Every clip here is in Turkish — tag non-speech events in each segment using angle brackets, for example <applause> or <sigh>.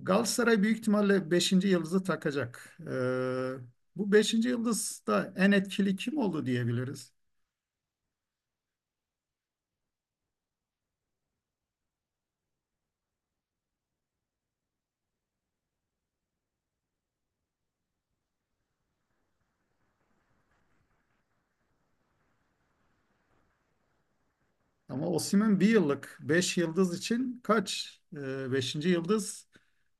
Galatasaray büyük ihtimalle beşinci yıldızı takacak. Bu beşinci yıldız da en etkili kim oldu diyebiliriz. Ama Osimhen bir yıllık 5 yıldız için kaç? Beşinci yıldız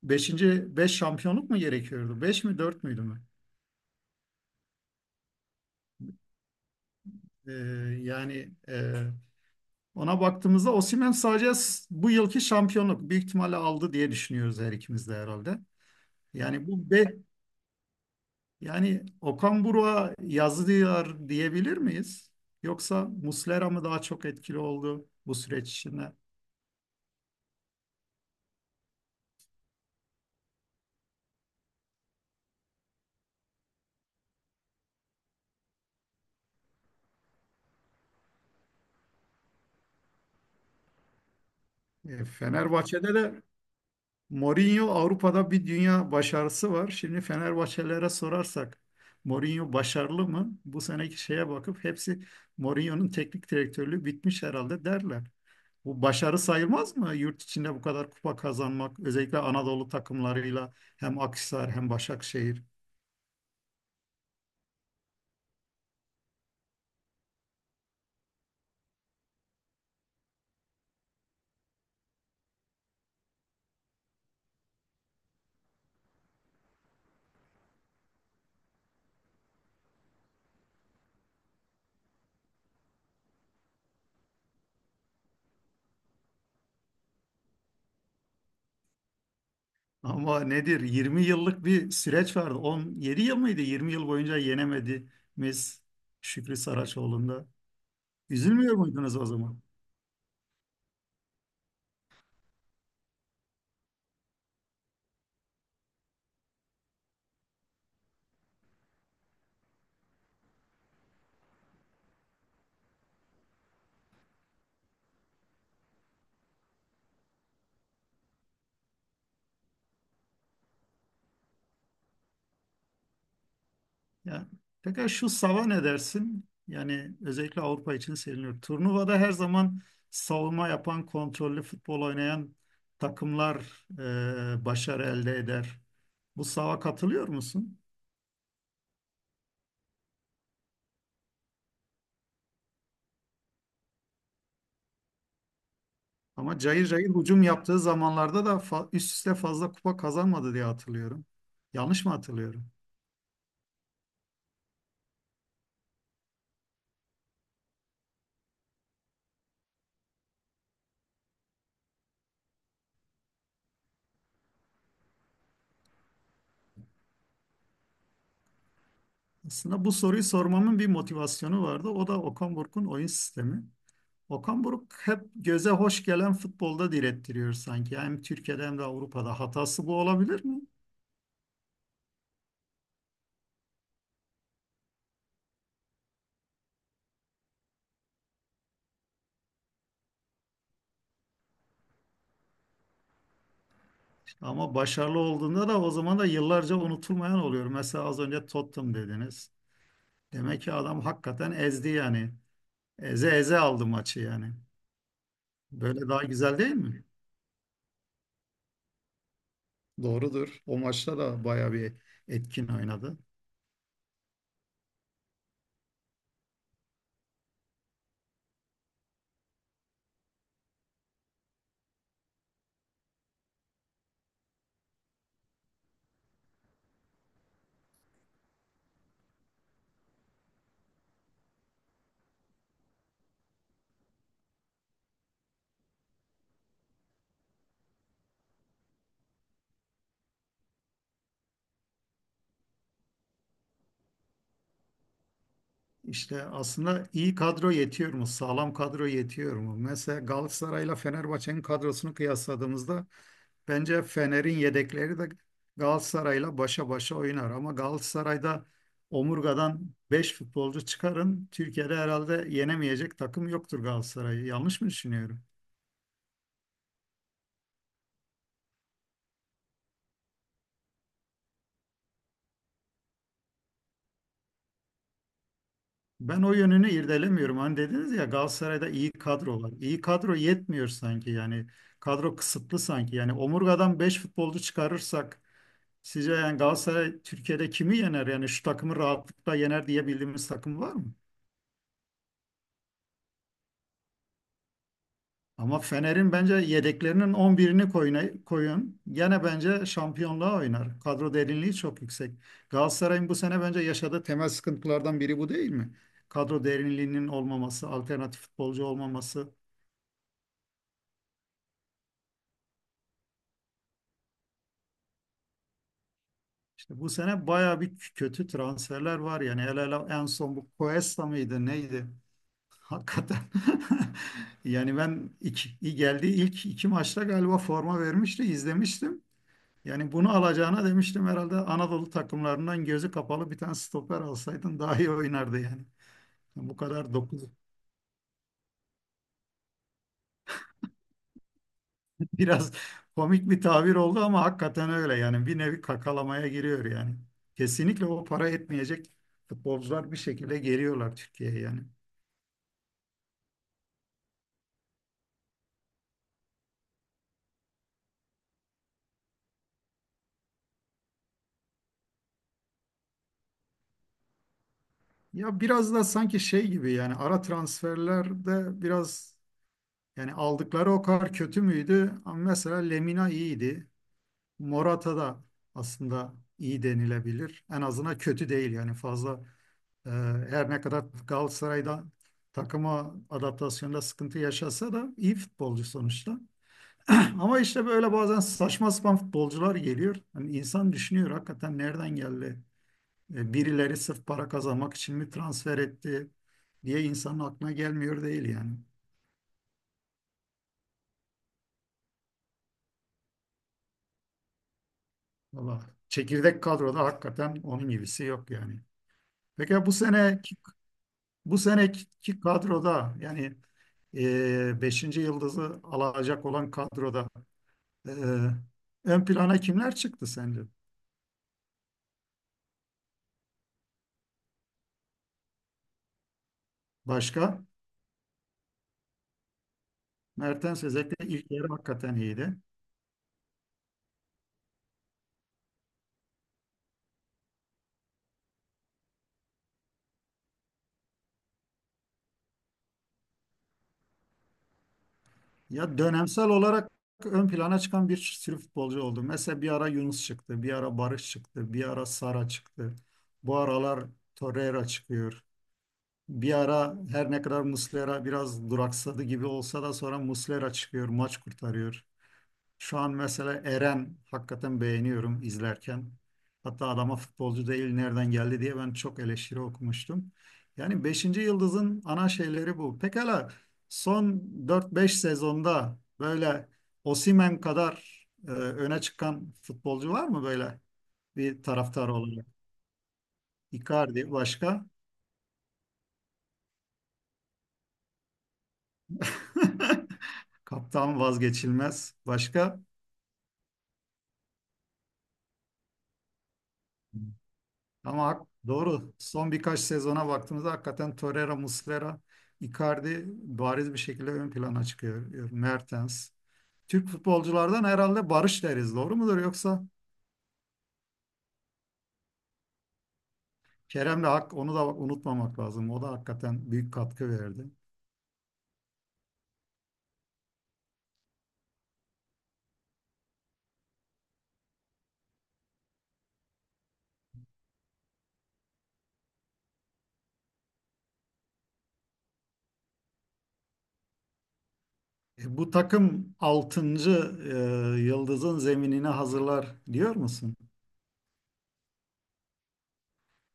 beşinci 5 şampiyonluk mu gerekiyordu? 5 mi 4 müydü mü? Ee, Yani ona baktığımızda Osimhen sadece bu yılki şampiyonluk büyük ihtimalle aldı diye düşünüyoruz her ikimiz de herhalde. Yani bu be, Yani Okan Buruk'a yazılıyor diyebilir miyiz? Yoksa Muslera mı daha çok etkili oldu bu süreç içinde? Fenerbahçe'de de Mourinho Avrupa'da bir dünya başarısı var. Şimdi Fenerbahçelilere sorarsak Mourinho başarılı mı? Bu seneki şeye bakıp hepsi Mourinho'nun teknik direktörlüğü bitmiş herhalde derler. Bu başarı sayılmaz mı? Yurt içinde bu kadar kupa kazanmak, özellikle Anadolu takımlarıyla hem Akhisar hem Başakşehir. Ama nedir? 20 yıllık bir süreç vardı. 17 yıl mıydı? 20 yıl boyunca yenemediğimiz Şükrü Saraçoğlu'nda. Üzülmüyor muydunuz o zaman? Ya, peki şu sava ne dersin? Yani özellikle Avrupa için seviniyor. Turnuvada her zaman savunma yapan, kontrollü futbol oynayan takımlar başarı elde eder. Bu sava katılıyor musun? Ama cayır cayır hücum yaptığı zamanlarda da üst üste fazla kupa kazanmadı diye hatırlıyorum. Yanlış mı hatırlıyorum? Aslında bu soruyu sormamın bir motivasyonu vardı. O da Okan Buruk'un oyun sistemi. Okan Buruk hep göze hoş gelen futbolda direttiriyor sanki. Hem Türkiye'de hem de Avrupa'da. Hatası bu olabilir mi? Ama başarılı olduğunda da o zaman da yıllarca unutulmayan oluyor. Mesela az önce Tottenham dediniz. Demek ki adam hakikaten ezdi yani. Eze eze aldı maçı yani. Böyle daha güzel değil mi? Doğrudur. O maçta da bayağı bir etkin oynadı. İşte aslında iyi kadro yetiyor mu? Sağlam kadro yetiyor mu? Mesela Galatasaray'la Fenerbahçe'nin kadrosunu kıyasladığımızda bence Fener'in yedekleri de Galatasaray'la başa başa oynar. Ama Galatasaray'da omurgadan 5 futbolcu çıkarın. Türkiye'de herhalde yenemeyecek takım yoktur Galatasaray'ı. Yanlış mı düşünüyorum? Ben o yönünü irdelemiyorum. Hani dediniz ya Galatasaray'da iyi kadro var. İyi kadro yetmiyor sanki yani. Kadro kısıtlı sanki. Yani omurgadan 5 futbolcu çıkarırsak sizce yani Galatasaray Türkiye'de kimi yener? Yani şu takımı rahatlıkla yener diye bildiğimiz takım var mı? Ama Fener'in bence yedeklerinin on birini koyun, koyun. Gene bence şampiyonluğa oynar. Kadro derinliği çok yüksek. Galatasaray'ın bu sene bence yaşadığı temel sıkıntılardan biri bu değil mi? Kadro derinliğinin olmaması, alternatif futbolcu olmaması. İşte bu sene bayağı bir kötü transferler var yani. El ele en son bu Cuesta mıydı, neydi? Hakikaten. <laughs> Yani ben geldiği ilk iki maçta galiba forma vermişti, izlemiştim. Yani bunu alacağına demiştim herhalde Anadolu takımlarından gözü kapalı bir tane stoper alsaydın daha iyi oynardı yani. Yani bu kadar dokuz. <laughs> Biraz komik bir tabir oldu ama hakikaten öyle yani bir nevi kakalamaya giriyor yani. Kesinlikle o para etmeyecek futbolcular bir şekilde geliyorlar Türkiye'ye yani. Ya biraz da sanki şey gibi yani ara transferlerde biraz yani aldıkları o kadar kötü müydü? Ama mesela Lemina iyiydi. Morata da aslında iyi denilebilir. En azından kötü değil yani fazla. e, Her ne kadar Galatasaray'da takıma adaptasyonda sıkıntı yaşasa da iyi futbolcu sonuçta. <clears throat> Ama işte böyle bazen saçma sapan futbolcular geliyor. Hani insan düşünüyor hakikaten nereden geldi? Birileri sırf para kazanmak için mi transfer etti diye insanın aklına gelmiyor değil yani. Valla çekirdek kadroda hakikaten onun gibisi yok yani. Peki bu seneki kadroda yani beşinci yıldızı alacak olan kadroda e, ön plana kimler çıktı sence? Başka? Mertens özellikle ilk yarı hakikaten iyiydi. Ya dönemsel olarak ön plana çıkan bir sürü futbolcu oldu. Mesela bir ara Yunus çıktı, bir ara Barış çıktı, bir ara Sara çıktı. Bu aralar Torreira çıkıyor. Bir ara her ne kadar Muslera biraz duraksadı gibi olsa da sonra Muslera çıkıyor, maç kurtarıyor. Şu an mesela Eren hakikaten beğeniyorum izlerken. Hatta adama futbolcu değil nereden geldi diye ben çok eleştiri okumuştum. Yani beşinci Yıldız'ın ana şeyleri bu. Pekala son dört beş sezonda böyle Osimhen kadar öne çıkan futbolcu var mı böyle bir taraftar olarak? Icardi başka? <laughs> Kaptan vazgeçilmez. Başka? Ama doğru. Son birkaç sezona baktığımızda hakikaten Torreira, Muslera, Icardi bariz bir şekilde ön plana çıkıyor. Mertens. Türk futbolculardan herhalde Barış deriz. Doğru mudur? Yoksa Kerem'le hak onu da unutmamak lazım. O da hakikaten büyük katkı verdi. Bu takım 6. yıldızın zeminini hazırlar diyor musun?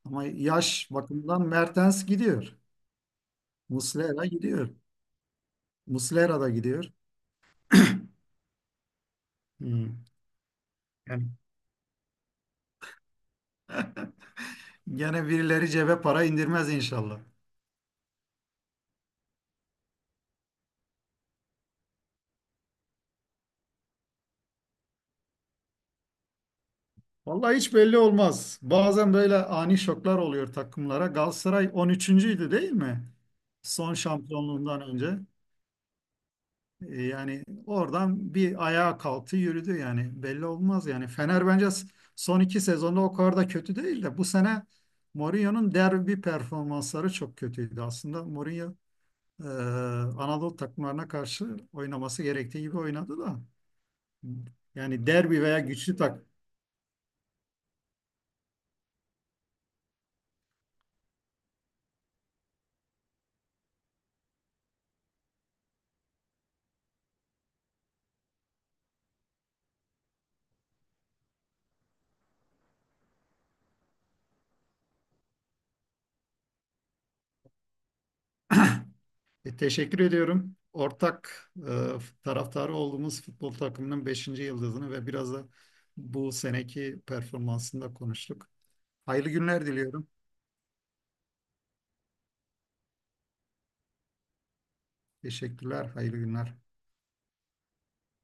Ama yaş bakımından Mertens gidiyor. Muslera gidiyor. Muslera da gidiyor. <clears throat> Hmm. Yani <laughs> gene birileri cebe para indirmez inşallah. Vallahi hiç belli olmaz. Bazen böyle ani şoklar oluyor takımlara. Galatasaray 13.'üydü değil mi? Son şampiyonluğundan önce. Yani oradan bir ayağa kalktı yürüdü yani. Belli olmaz yani. Fener bence son iki sezonda o kadar da kötü değil de bu sene Mourinho'nun derbi performansları çok kötüydü aslında. Mourinho e, Anadolu takımlarına karşı oynaması gerektiği gibi oynadı da. Yani derbi veya güçlü. Teşekkür ediyorum. Ortak taraftarı olduğumuz futbol takımının beşinci yıldızını ve biraz da bu seneki performansını da konuştuk. Hayırlı günler diliyorum. Teşekkürler, hayırlı günler.